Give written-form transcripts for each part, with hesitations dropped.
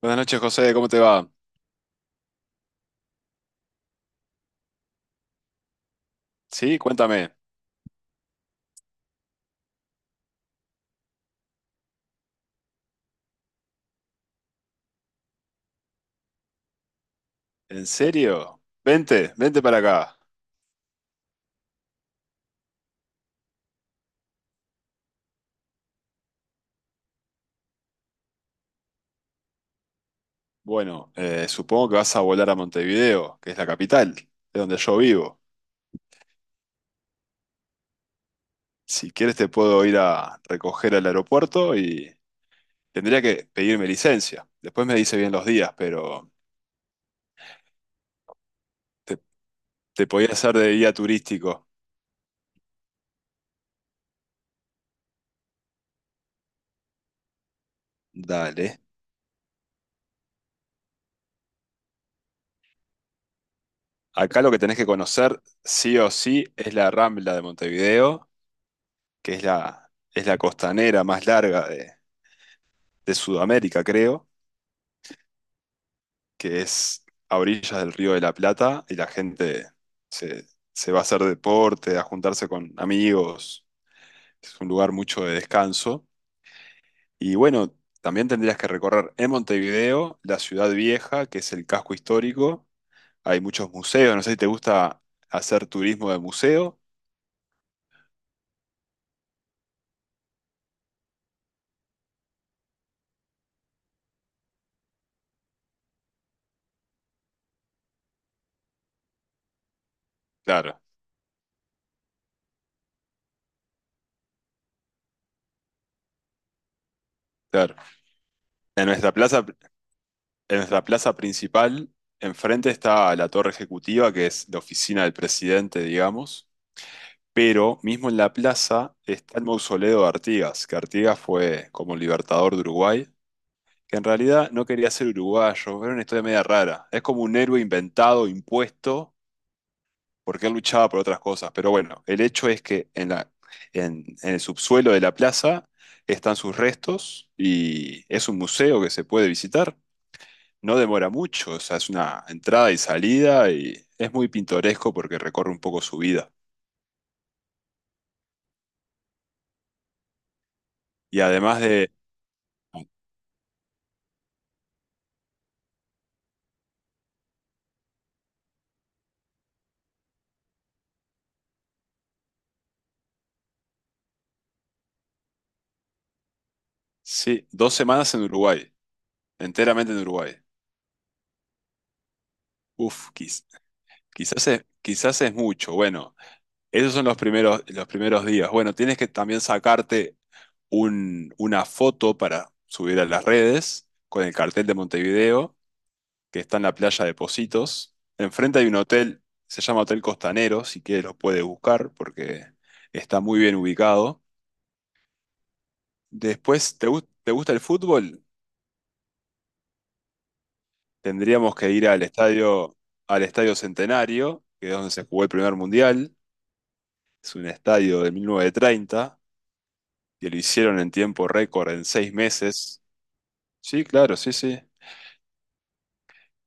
Buenas noches, José, ¿cómo te va? Sí, cuéntame. ¿En serio? Vente, vente para acá. Bueno, supongo que vas a volar a Montevideo, que es la capital, de donde yo vivo. Si quieres te puedo ir a recoger al aeropuerto y tendría que pedirme licencia. Después me dice bien los días, pero te, te podía hacer de guía turístico. Dale. Acá lo que tenés que conocer sí o sí es la Rambla de Montevideo, que es es la costanera más larga de Sudamérica, creo que es a orillas del Río de la Plata y la gente se, se va a hacer deporte, a juntarse con amigos. Es un lugar mucho de descanso. Y bueno, también tendrías que recorrer en Montevideo la ciudad vieja, que es el casco histórico. Hay muchos museos, no sé si te gusta hacer turismo de museo. Claro, claro. En nuestra plaza, en nuestra plaza principal, enfrente está la torre ejecutiva, que es la oficina del presidente, digamos. Pero mismo en la plaza está el mausoleo de Artigas, que Artigas fue como libertador de Uruguay, que en realidad no quería ser uruguayo, era una historia media rara. Es como un héroe inventado, impuesto, porque él luchaba por otras cosas. Pero bueno, el hecho es que en el subsuelo de la plaza están sus restos y es un museo que se puede visitar. No demora mucho, o sea, es una entrada y salida y es muy pintoresco porque recorre un poco su vida. Y además de... Sí, dos semanas en Uruguay, enteramente en Uruguay. Uf, quizás es mucho. Bueno, esos son los primeros días. Bueno, tienes que también sacarte una foto para subir a las redes con el cartel de Montevideo, que está en la playa de Positos. Enfrente hay un hotel, se llama Hotel Costanero, si quieres lo puedes buscar porque está muy bien ubicado. Después, ¿ te gusta el fútbol? Tendríamos que ir al Estadio Centenario, que es donde se jugó el primer mundial. Es un estadio de 1930 que lo hicieron en tiempo récord en seis meses. Sí, claro, sí, sí.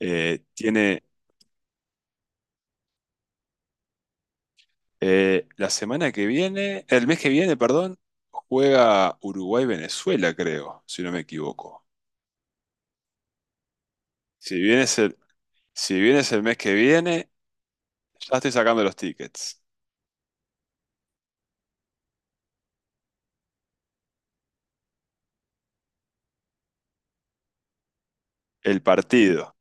Tiene la semana que viene, el mes que viene, perdón, juega Uruguay-Venezuela, creo, si no me equivoco. Si bien es el, si bien es el mes que viene, ya estoy sacando los tickets. El partido.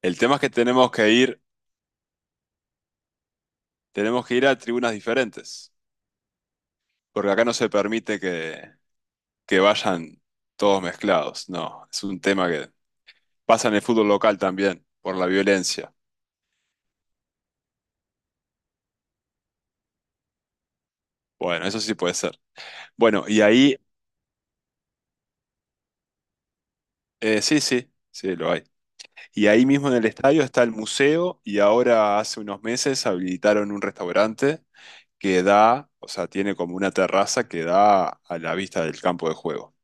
El tema es que tenemos que ir a tribunas diferentes, porque acá no se permite que vayan todos mezclados, no, es un tema que pasa en el fútbol local también, por la violencia. Bueno, eso sí puede ser. Bueno, y ahí, sí, sí, sí, lo hay. Y ahí mismo en el estadio está el museo y ahora hace unos meses habilitaron un restaurante que da, o sea, tiene como una terraza que da a la vista del campo de juego.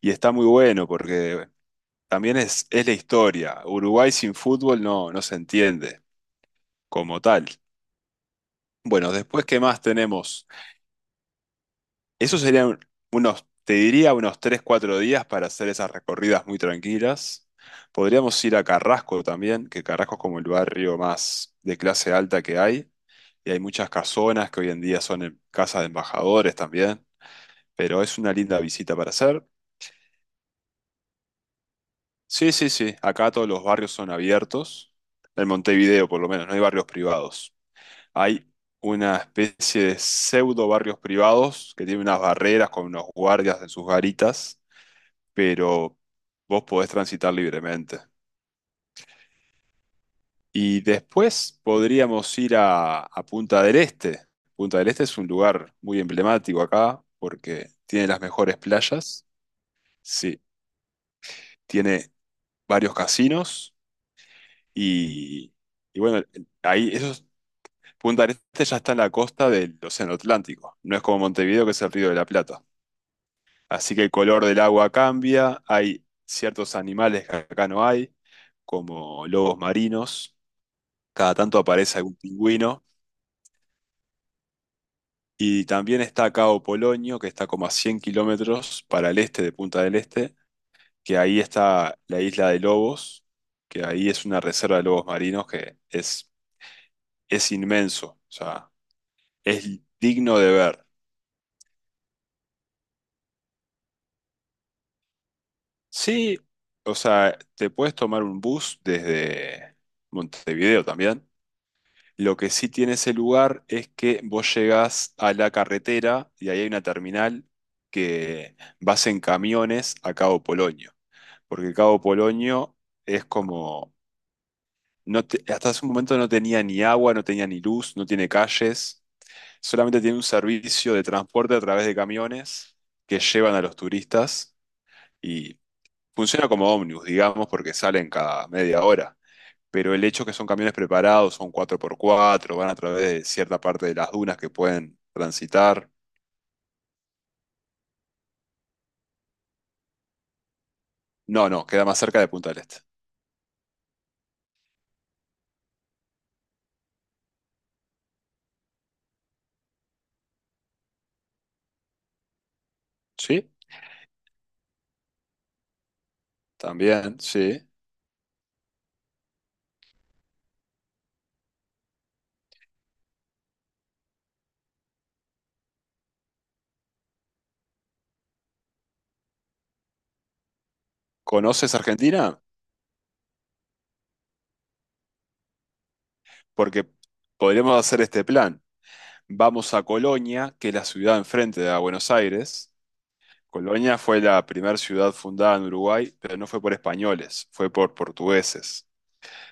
Y está muy bueno porque también es la historia. Uruguay sin fútbol no, no se entiende como tal. Bueno, después, ¿qué más tenemos? Eso serían unos, te diría, unos 3, 4 días para hacer esas recorridas muy tranquilas. Podríamos ir a Carrasco también, que Carrasco es como el barrio más de clase alta que hay. Y hay muchas casonas que hoy en día casas de embajadores también. Pero es una linda visita para hacer. Sí, sí, sí. Acá todos los barrios son abiertos. En Montevideo, por lo menos, no hay barrios privados. Hay una especie de pseudo barrios privados que tienen unas barreras con unos guardias en sus garitas, pero vos podés transitar libremente. Y después podríamos ir a Punta del Este. Punta del Este es un lugar muy emblemático acá porque tiene las mejores playas. Sí, tiene varios casinos y, y bueno, ahí esos, Punta del Este ya está en la costa del Océano Atlántico. No es como Montevideo que es el Río de la Plata. Así que el color del agua cambia, hay ciertos animales que acá no hay, como lobos marinos, cada tanto aparece algún pingüino, y también está Cabo Polonio, que está como a 100 kilómetros para el este de Punta del Este, que ahí está la isla de lobos, que ahí es una reserva de lobos marinos que es inmenso, o sea, es digno de ver. Sí, o sea, te puedes tomar un bus desde Montevideo también. Lo que sí tiene ese lugar es que vos llegás a la carretera y ahí hay una terminal que vas en camiones a Cabo Polonio, porque Cabo Polonio es como, no te- hasta hace un momento no tenía ni agua, no tenía ni luz, no tiene calles, solamente tiene un servicio de transporte a través de camiones que llevan a los turistas y funciona como ómnibus, digamos, porque salen cada media hora, pero el hecho que son camiones preparados, son cuatro por cuatro, van a través de cierta parte de las dunas que pueden transitar. No, no, queda más cerca de Punta del Este. Sí, también, sí. ¿Conoces Argentina? Porque podríamos hacer este plan. Vamos a Colonia, que es la ciudad enfrente de Buenos Aires. Colonia fue la primera ciudad fundada en Uruguay, pero no fue por españoles, fue por portugueses.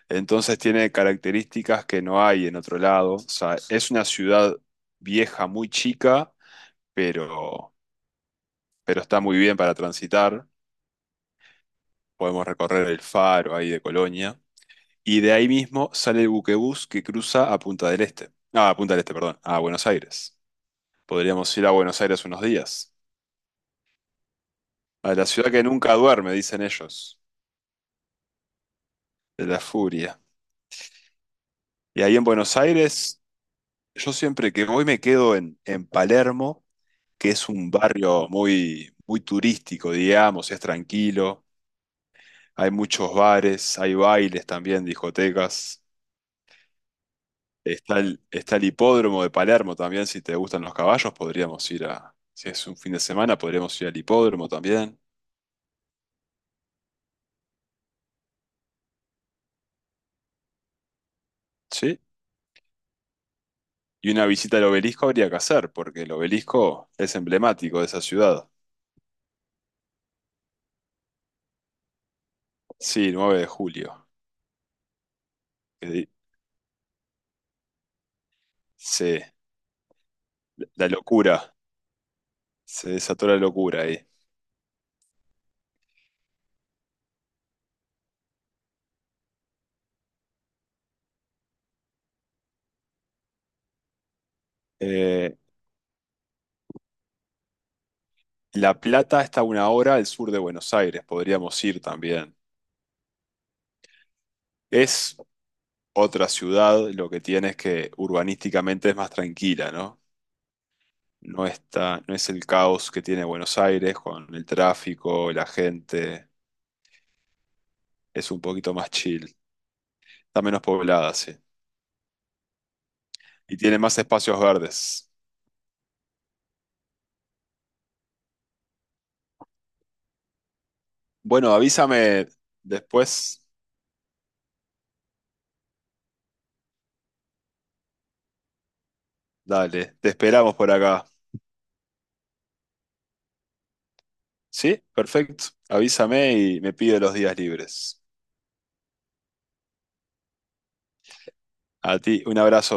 Entonces tiene características que no hay en otro lado. O sea, es una ciudad vieja, muy chica, pero, pero está muy bien para transitar. Podemos recorrer el faro ahí de Colonia. Y de ahí mismo sale el buquebús que cruza a Punta del Este. Ah, a Punta del Este, perdón, a Buenos Aires. Podríamos ir a Buenos Aires unos días. A la ciudad que nunca duerme, dicen ellos, de la furia. Y ahí en Buenos Aires, yo siempre que voy me quedo en Palermo, que es un barrio muy, muy turístico, digamos, es tranquilo. Hay muchos bares, hay bailes también, discotecas. Está el hipódromo de Palermo también, si te gustan los caballos, podríamos ir a, si es un fin de semana, podríamos ir al hipódromo también, ¿sí? Y una visita al obelisco habría que hacer, porque el obelisco es emblemático de esa ciudad. Sí, 9 de Julio. Que di- Se, la locura, se desató la locura ahí. Eh, La Plata está a una hora al sur de Buenos Aires, podríamos ir también. Es otra ciudad, lo que tiene es que urbanísticamente es más tranquila, ¿no? No es el caos que tiene Buenos Aires con el tráfico, la gente. Es un poquito más chill. Está menos poblada, sí. Y tiene más espacios verdes. Bueno, avísame después. Dale, te esperamos por acá. Sí, perfecto. Avísame y me pido los días libres. A ti, un abrazo.